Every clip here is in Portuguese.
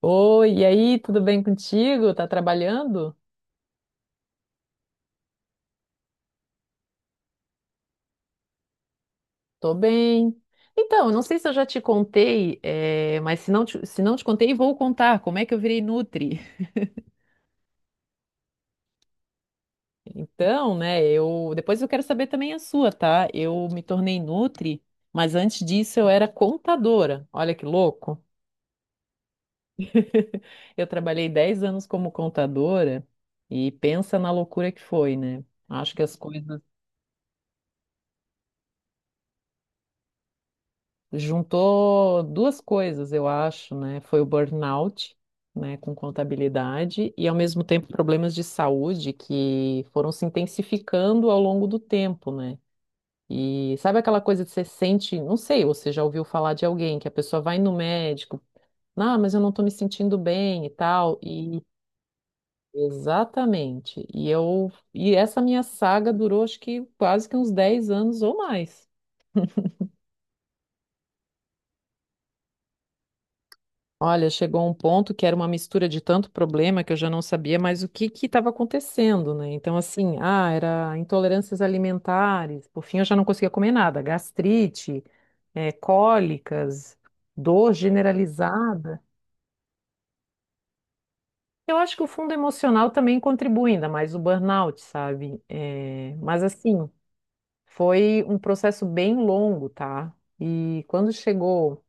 Oi, e aí, tudo bem contigo? Tá trabalhando? Tô bem. Então, eu não sei se eu já te contei, mas se não te contei, vou contar como é que eu virei Nutri. Então, né, eu depois eu quero saber também a sua, tá? Eu me tornei Nutri, mas antes disso eu era contadora. Olha que louco. Eu trabalhei 10 anos como contadora e pensa na loucura que foi, né? Acho que as coisas juntou duas coisas, eu acho, né? Foi o burnout, né, com contabilidade e ao mesmo tempo problemas de saúde que foram se intensificando ao longo do tempo, né? E sabe aquela coisa que você sente, não sei, você já ouviu falar de alguém que a pessoa vai no médico, ah, mas eu não tô me sentindo bem e tal. Exatamente. E essa minha saga durou acho que quase que uns 10 anos ou mais. Olha, chegou um ponto que era uma mistura de tanto problema que eu já não sabia mais o que que estava acontecendo, né? Então, assim, ah, era intolerâncias alimentares, por fim eu já não conseguia comer nada, gastrite, cólicas, dor generalizada. Eu acho que o fundo emocional também contribui, ainda mais o burnout, sabe? Mas, assim, foi um processo bem longo, tá? E quando chegou,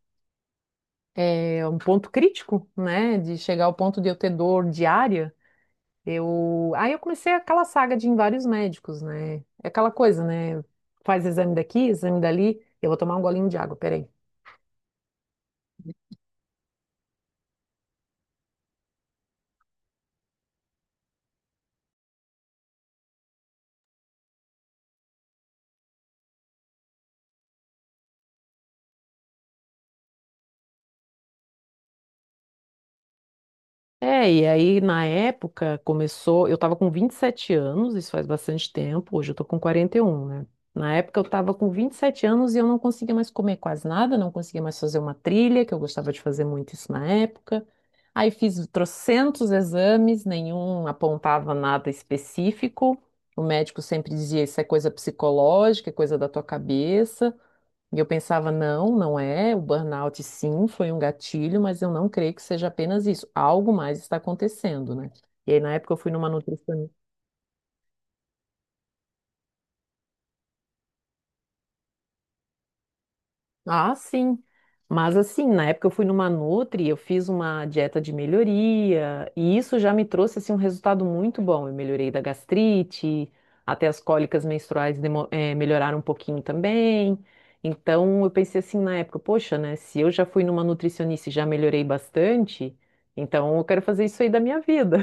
um ponto crítico, né, de chegar ao ponto de eu ter dor diária. Aí eu comecei aquela saga de ir em vários médicos, né? É aquela coisa, né? Faz exame daqui, exame dali. Eu vou tomar um golinho de água, peraí. É, e aí na época começou, eu tava com 27 anos, isso faz bastante tempo, hoje eu tô com 41, né? Na época eu tava com 27 anos e eu não conseguia mais comer quase nada, não conseguia mais fazer uma trilha, que eu gostava de fazer muito isso na época. Aí fiz trocentos exames, nenhum apontava nada específico. O médico sempre dizia, isso é coisa psicológica, é coisa da tua cabeça. E eu pensava, não, não é. O burnout, sim, foi um gatilho, mas eu não creio que seja apenas isso. Algo mais está acontecendo, né? E aí, na época, eu fui numa nutricionista. Ah, sim. Mas assim, na época eu fui numa Nutri, eu fiz uma dieta de melhoria, e isso já me trouxe assim um resultado muito bom. Eu melhorei da gastrite, até as cólicas menstruais melhoraram um pouquinho também. Então eu pensei assim na época, poxa, né, se eu já fui numa nutricionista e já melhorei bastante, então eu quero fazer isso aí da minha vida.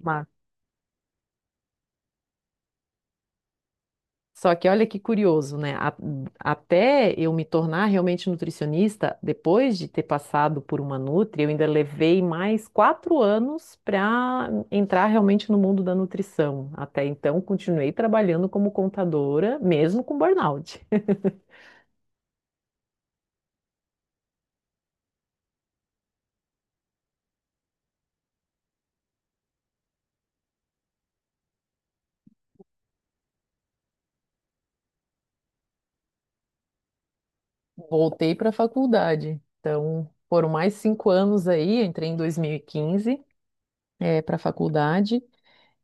Só que olha que curioso, né? Até eu me tornar realmente nutricionista, depois de ter passado por uma nutri, eu ainda levei mais 4 anos para entrar realmente no mundo da nutrição. Até então, continuei trabalhando como contadora, mesmo com burnout. Voltei para a faculdade. Então, foram mais 5 anos aí, eu entrei em 2015, para a faculdade.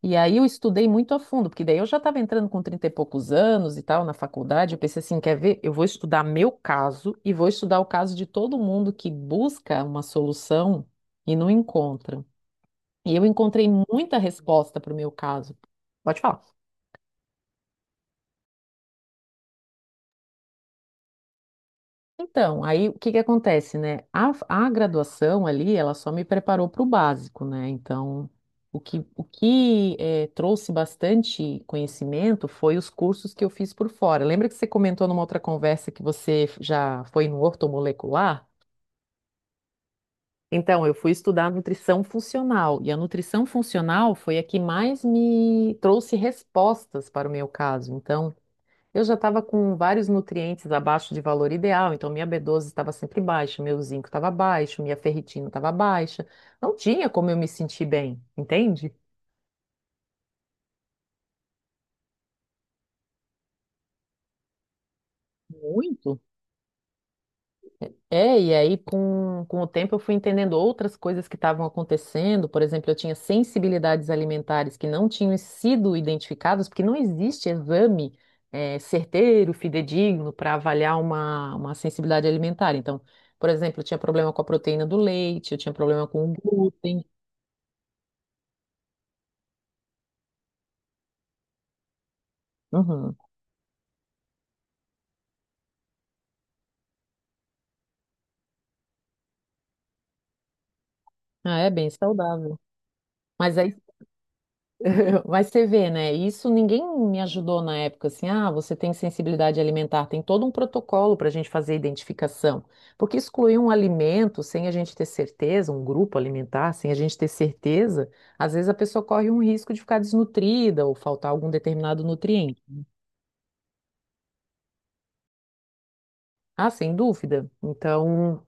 E aí eu estudei muito a fundo, porque daí eu já estava entrando com 30 e poucos anos e tal na faculdade. Eu pensei assim, quer ver? Eu vou estudar meu caso e vou estudar o caso de todo mundo que busca uma solução e não encontra. E eu encontrei muita resposta para o meu caso. Pode falar. Então, aí o que que acontece, né? A graduação ali, ela só me preparou para o básico, né? Então, o que trouxe bastante conhecimento foi os cursos que eu fiz por fora. Lembra que você comentou numa outra conversa que você já foi no ortomolecular? Então, eu fui estudar nutrição funcional, e a nutrição funcional foi a que mais me trouxe respostas para o meu caso. Então, eu já estava com vários nutrientes abaixo de valor ideal, então minha B12 estava sempre baixa, meu zinco estava baixo, minha ferritina estava baixa. Não tinha como eu me sentir bem, entende? Muito. É, e aí com o tempo eu fui entendendo outras coisas que estavam acontecendo. Por exemplo, eu tinha sensibilidades alimentares que não tinham sido identificadas, porque não existe exame certeiro, fidedigno para avaliar uma sensibilidade alimentar. Então, por exemplo, eu tinha problema com a proteína do leite, eu tinha problema com o glúten. Uhum. Ah, é bem saudável. Mas aí Mas você vê, né? Isso ninguém me ajudou na época, assim, ah, você tem sensibilidade alimentar, tem todo um protocolo para a gente fazer a identificação. Porque excluir um alimento sem a gente ter certeza, um grupo alimentar, sem a gente ter certeza, às vezes a pessoa corre um risco de ficar desnutrida ou faltar algum determinado nutriente. Ah, sem dúvida. Então,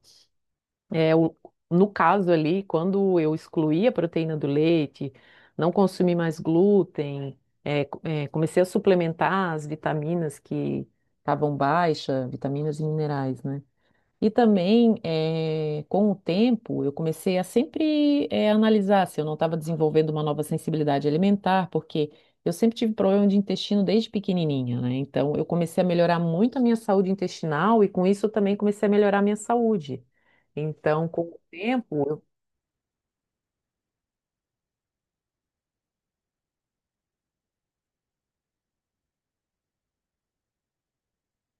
É, o- no caso ali, quando eu excluí a proteína do leite, não consumi mais glúten, comecei a suplementar as vitaminas que estavam baixas, vitaminas e minerais, né? E também, com o tempo, eu comecei a sempre analisar se eu não estava desenvolvendo uma nova sensibilidade alimentar, porque eu sempre tive problema de intestino desde pequenininha, né? Então, eu comecei a melhorar muito a minha saúde intestinal e, com isso, eu também comecei a melhorar a minha saúde. Então, com o tempo, eu...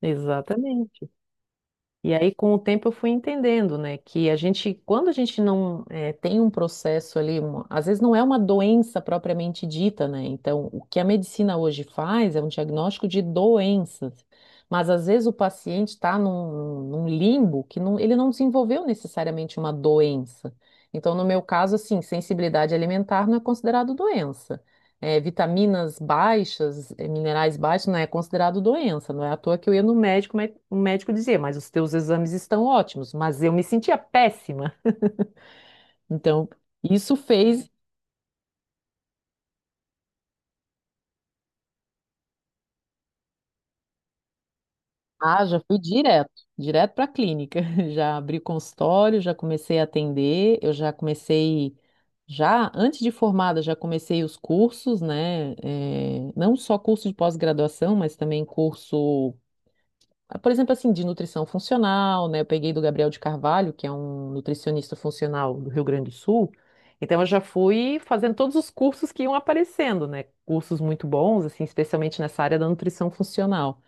Exatamente. E aí, com o tempo, eu fui entendendo, né, que a gente, quando a gente não tem um processo ali, às vezes não é uma doença propriamente dita, né? Então, o que a medicina hoje faz é um diagnóstico de doenças, mas às vezes o paciente está num limbo que não, ele não desenvolveu necessariamente uma doença. Então, no meu caso, assim, sensibilidade alimentar não é considerado doença, é, vitaminas baixas, é, minerais baixos, não é considerado doença. Não é à toa que eu ia no médico, mas o médico dizia, mas os teus exames estão ótimos. Mas eu me sentia péssima. Então, isso fez. Ah, já fui direto, direto para a clínica. Já abri consultório, já comecei a atender, eu já comecei. Já antes de formada, já comecei os cursos, né? Não só curso de pós-graduação, mas também curso. Ah, por exemplo, assim, de nutrição funcional, né? Eu peguei do Gabriel de Carvalho, que é um nutricionista funcional do Rio Grande do Sul. Então, eu já fui fazendo todos os cursos que iam aparecendo, né? Cursos muito bons, assim, especialmente nessa área da nutrição funcional.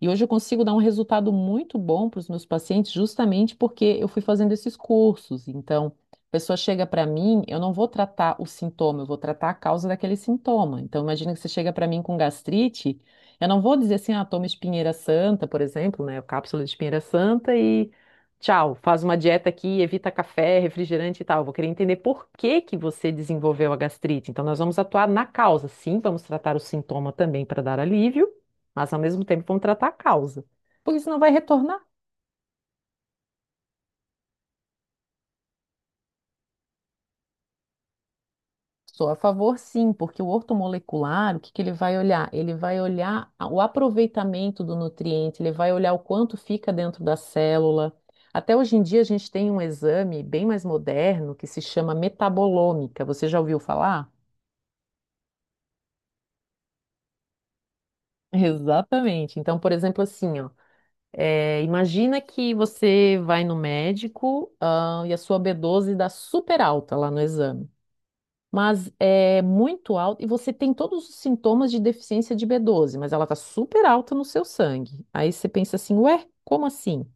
E hoje eu consigo dar um resultado muito bom para os meus pacientes, justamente porque eu fui fazendo esses cursos. Então, a pessoa chega para mim, eu não vou tratar o sintoma, eu vou tratar a causa daquele sintoma. Então, imagina que você chega para mim com gastrite, eu não vou dizer assim, ah, toma espinheira santa, por exemplo, né, cápsula de espinheira santa e tchau, faz uma dieta aqui, evita café, refrigerante e tal. Eu vou querer entender por que que você desenvolveu a gastrite. Então, nós vamos atuar na causa, sim, vamos tratar o sintoma também para dar alívio, mas ao mesmo tempo vão tratar a causa. Porque senão vai retornar. Sou a favor, sim, porque o ortomolecular, o que que ele vai olhar? Ele vai olhar o aproveitamento do nutriente, ele vai olhar o quanto fica dentro da célula. Até hoje em dia a gente tem um exame bem mais moderno que se chama metabolômica. Você já ouviu falar? Exatamente. Então, por exemplo, assim, ó, é, imagina que você vai no médico, ah, e a sua B12 dá super alta lá no exame, mas é muito alta e você tem todos os sintomas de deficiência de B12, mas ela tá super alta no seu sangue. Aí você pensa assim, ué, como assim?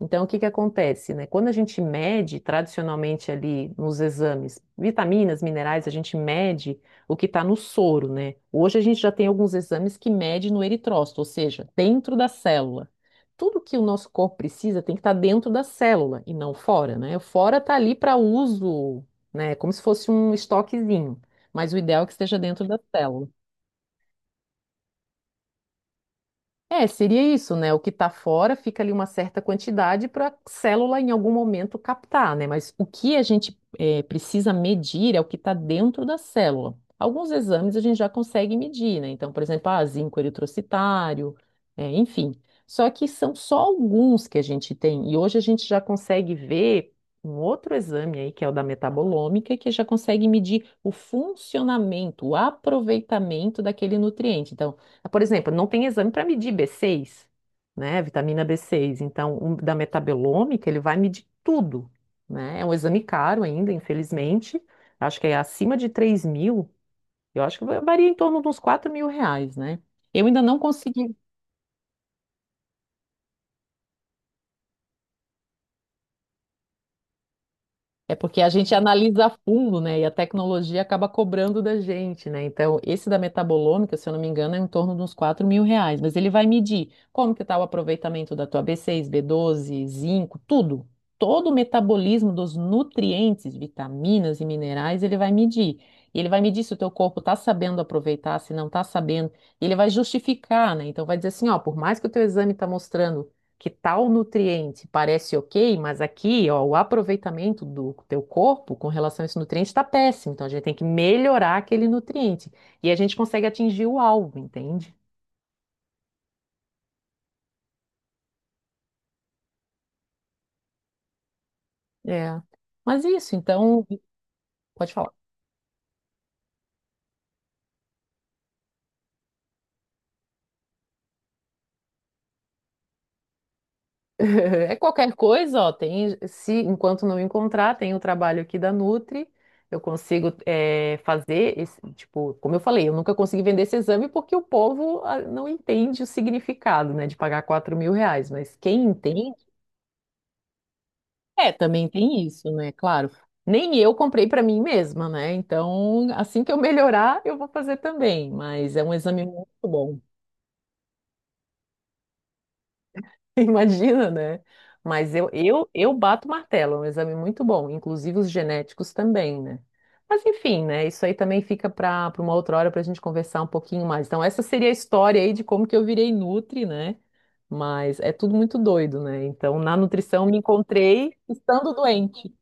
Então, o que que acontece, né? Quando a gente mede tradicionalmente ali nos exames, vitaminas, minerais, a gente mede o que está no soro, né? Hoje a gente já tem alguns exames que mede no eritrócito, ou seja, dentro da célula. Tudo que o nosso corpo precisa tem que estar dentro da célula e não fora, né? O fora está ali para uso, né? É como se fosse um estoquezinho, mas o ideal é que esteja dentro da célula. É, seria isso, né? O que está fora fica ali uma certa quantidade para a célula em algum momento captar, né? Mas o que a gente precisa medir é o que está dentro da célula. Alguns exames a gente já consegue medir, né? Então, por exemplo, ah, zinco eritrocitário, enfim. Só que são só alguns que a gente tem. E hoje a gente já consegue ver um outro exame aí, que é o da metabolômica, que já consegue medir o funcionamento, o aproveitamento daquele nutriente. Então, por exemplo, não tem exame para medir B6, né? Vitamina B6. Então, o da metabolômica, ele vai medir tudo, né? É um exame caro ainda, infelizmente. Acho que é acima de 3 mil. Eu acho que varia em torno de uns 4 mil reais, né? Eu ainda não consegui. É porque a gente analisa a fundo, né? E a tecnologia acaba cobrando da gente, né? Então, esse da metabolômica, se eu não me engano, é em torno de uns 4 mil reais. Mas ele vai medir como que está o aproveitamento da tua B6, B12, zinco, tudo. Todo o metabolismo dos nutrientes, vitaminas e minerais, ele vai medir. E ele vai medir se o teu corpo está sabendo aproveitar, se não está sabendo. E ele vai justificar, né? Então, vai dizer assim, ó, por mais que o teu exame está mostrando que tal nutriente parece ok, mas aqui, ó, o aproveitamento do teu corpo com relação a esse nutriente está péssimo. Então a gente tem que melhorar aquele nutriente. E a gente consegue atingir o alvo, entende? É. Mas isso, então, pode falar. É qualquer coisa, ó, tem, se enquanto não encontrar, tem o trabalho aqui da Nutri, eu consigo, é, fazer esse, tipo, como eu falei, eu nunca consegui vender esse exame porque o povo, ah, não entende o significado, né, de pagar 4 mil reais, mas quem entende. É, também tem isso, né? Claro. Nem eu comprei para mim mesma, né? Então, assim que eu melhorar, eu vou fazer também. Mas é um exame muito bom. Imagina, né? Mas eu bato o martelo, é um exame muito bom. Inclusive os genéticos também, né? Mas enfim, né? Isso aí também fica para uma outra hora para a gente conversar um pouquinho mais. Então, essa seria a história aí de como que eu virei nutri, né? Mas é tudo muito doido, né? Então, na nutrição eu me encontrei estando doente.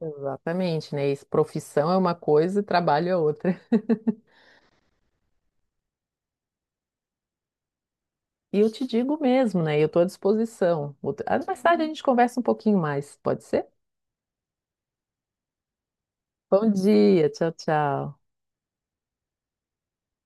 Exatamente, né? Isso, profissão é uma coisa e trabalho é outra. E eu te digo mesmo, né? Eu estou à disposição. Ah, mais tarde a gente conversa um pouquinho mais, pode ser? Bom dia, tchau, tchau.